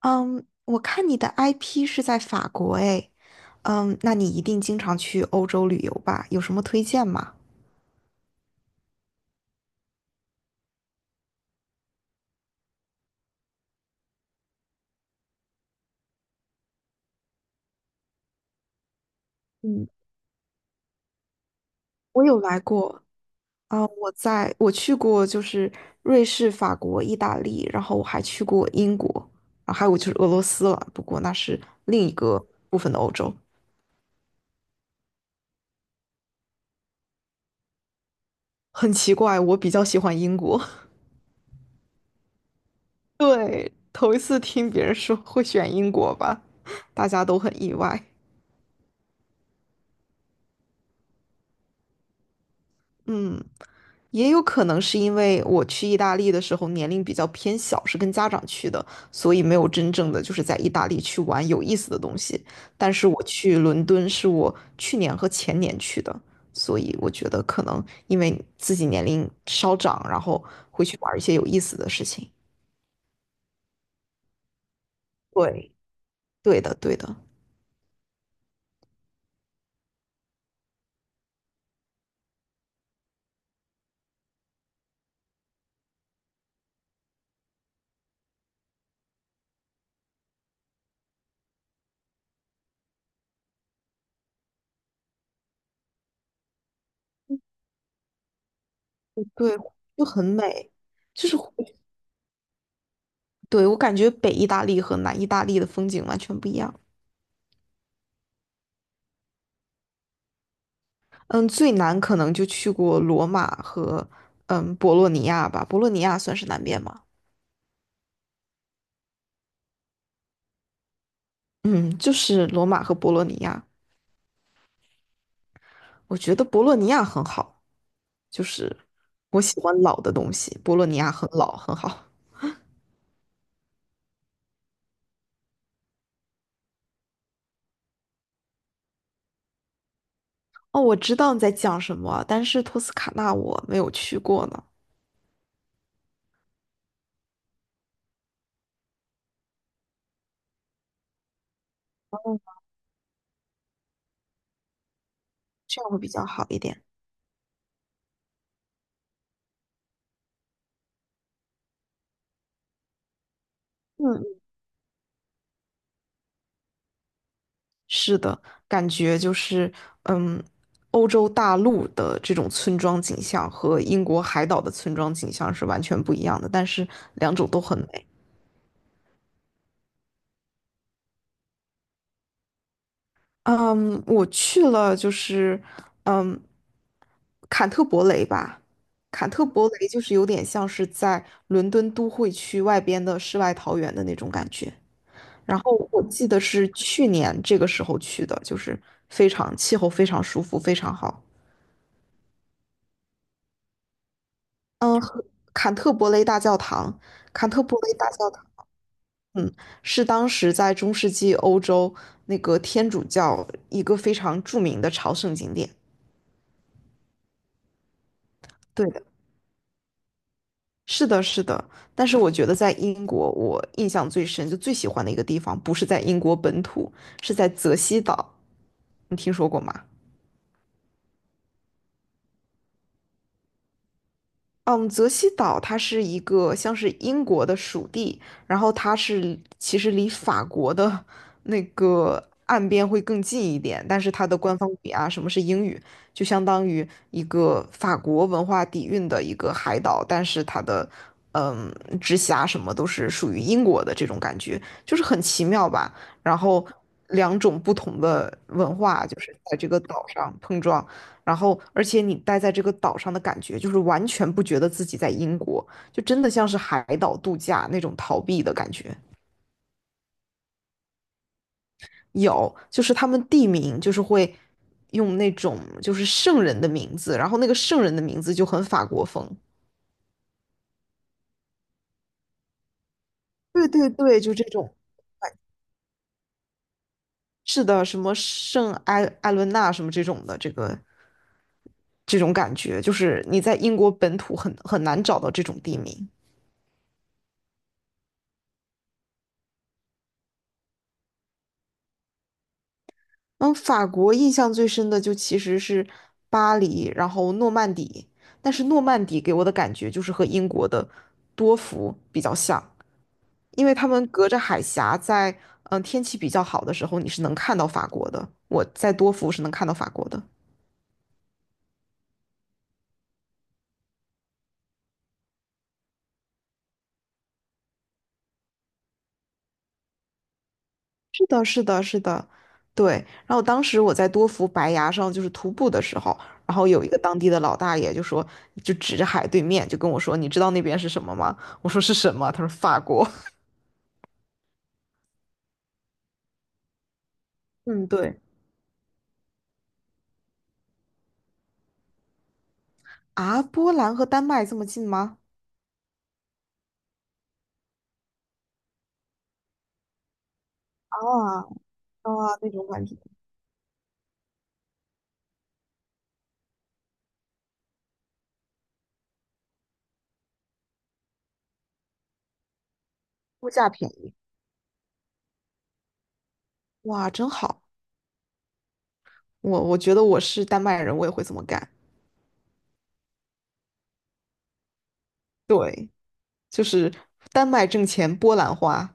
嗯，我看你的 IP 是在法国诶。那你一定经常去欧洲旅游吧？有什么推荐吗？嗯，我有来过。我去过就是瑞士、法国、意大利，然后我还去过英国。还有就是俄罗斯了，不过那是另一个部分的欧洲。很奇怪，我比较喜欢英国。头一次听别人说会选英国吧，大家都很意外。嗯，也有可能是因为我去意大利的时候年龄比较偏小，是跟家长去的，所以没有真正的就是在意大利去玩有意思的东西。但是我去伦敦是我去年和前年去的，所以我觉得可能因为自己年龄稍长，然后会去玩一些有意思的事情。对，对的，对的。对，就很美。就是，对，我感觉北意大利和南意大利的风景完全不一样。嗯，最难可能就去过罗马和博洛尼亚吧。博洛尼亚算是南边吗？嗯，就是罗马和博洛尼亚。我觉得博洛尼亚很好，就是我喜欢老的东西，博洛尼亚很老，很好。哦，我知道你在讲什么，但是托斯卡纳我没有去过呢。这样会比较好一点。嗯，是的，感觉就是，嗯，欧洲大陆的这种村庄景象和英国海岛的村庄景象是完全不一样的，但是两种都很美。嗯，我去了，就是，嗯，坎特伯雷吧。坎特伯雷就是有点像是在伦敦都会区外边的世外桃源的那种感觉。然后我记得是去年这个时候去的，就是非常气候非常舒服，非常好。嗯，坎特伯雷大教堂，坎特伯雷大教堂。嗯，是当时在中世纪欧洲那个天主教一个非常著名的朝圣景点。对的，是的，是的。但是我觉得在英国，我印象最深，就最喜欢的一个地方，不是在英国本土，是在泽西岛。你听说过吗？嗯，泽西岛它是一个像是英国的属地，然后它是其实离法国的那个岸边会更近一点，但是它的官方语啊，什么是英语，就相当于一个法国文化底蕴的一个海岛，但是它的嗯直辖什么都是属于英国的这种感觉，就是很奇妙吧。然后两种不同的文化就是在这个岛上碰撞，然后，而且你待在这个岛上的感觉，就是完全不觉得自己在英国，就真的像是海岛度假那种逃避的感觉。有，就是他们地名就是会用那种就是圣人的名字，然后那个圣人的名字就很法国风。对对对，就这种。是的，什么圣埃伦纳什么这种的，这种感觉，就是你在英国本土很难找到这种地名。嗯，法国印象最深的就其实是巴黎，然后诺曼底。但是诺曼底给我的感觉就是和英国的多福比较像，因为他们隔着海峡在，天气比较好的时候，你是能看到法国的。我在多福是能看到法国的。是的，是的，是的，对。然后当时我在多福白崖上就是徒步的时候，然后有一个当地的老大爷就说，就指着海对面就跟我说：“你知道那边是什么吗？”我说：“是什么？”他说：“法国。”嗯，对。啊，波兰和丹麦这么近吗？啊啊，那种感觉。物价便宜，哇，真好！我觉得我是丹麦人，我也会这么干，就是丹麦挣钱，波兰花。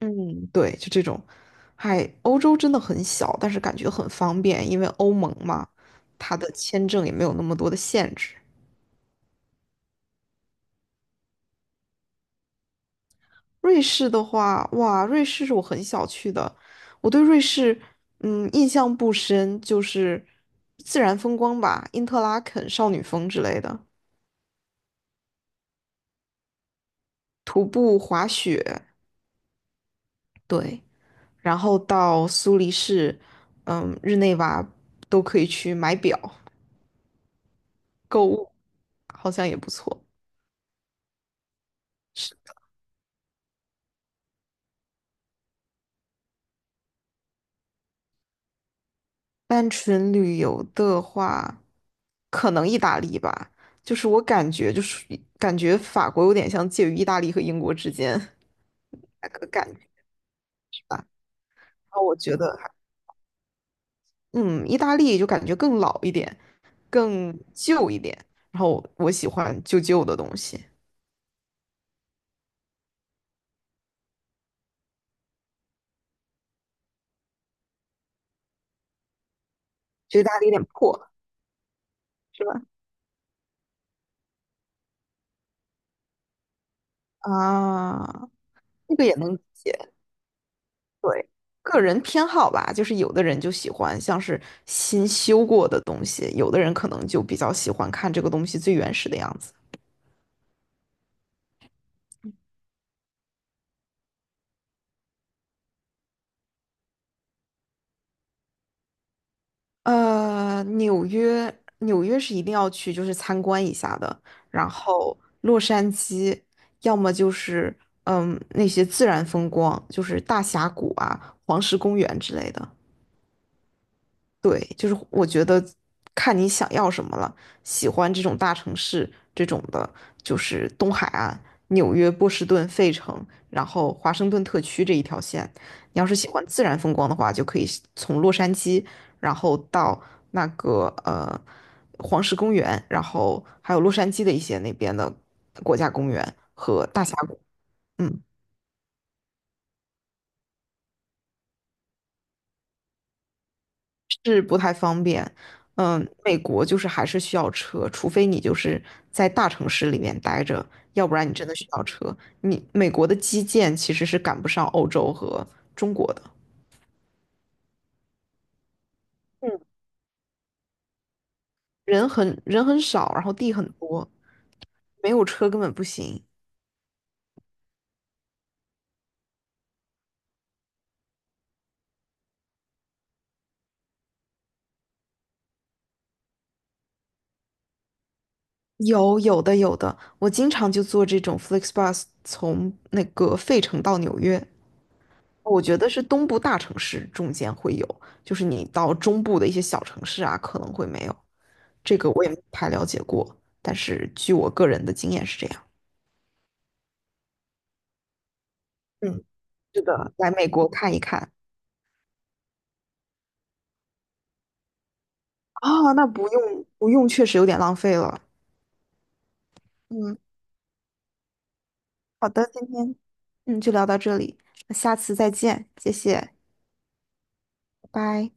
嗯，对，就这种。嗨，欧洲真的很小，但是感觉很方便，因为欧盟嘛，它的签证也没有那么多的限制。瑞士的话，哇，瑞士是我很小去的，我对瑞士，印象不深，就是自然风光吧，因特拉肯少女峰之类的，徒步滑雪。对，然后到苏黎世，日内瓦都可以去买表、购物，好像也不错。单纯旅游的话，可能意大利吧，就是我感觉就是感觉法国有点像介于意大利和英国之间。那个感觉，我觉得还，嗯，意大利就感觉更老一点，更旧一点。然后我喜欢旧旧的东西，觉得意大利有点破，是吧？啊，这个也能理解。对，个人偏好吧，就是有的人就喜欢像是新修过的东西，有的人可能就比较喜欢看这个东西最原始的样子。纽约，纽约是一定要去，就是参观一下的。然后洛杉矶，要么就是那些自然风光，就是大峡谷啊、黄石公园之类的。对，就是我觉得看你想要什么了。喜欢这种大城市这种的，就是东海岸、纽约、波士顿、费城，然后华盛顿特区这一条线。你要是喜欢自然风光的话，就可以从洛杉矶，然后到那个黄石公园，然后还有洛杉矶的一些那边的国家公园和大峡谷。嗯。是不太方便。美国就是还是需要车，除非你就是在大城市里面待着，要不然你真的需要车。你美国的基建其实是赶不上欧洲和中国的。嗯，人很少，然后地很多，没有车根本不行。有的有的，我经常就坐这种 FlixBus 从那个费城到纽约。我觉得是东部大城市中间会有，就是你到中部的一些小城市啊，可能会没有。这个我也没太了解过，但是据我个人的经验是这样。嗯，是的，来美国看一看。啊，那不用不用，确实有点浪费了。嗯，好的，今天就聊到这里，那下次再见，谢谢，拜拜。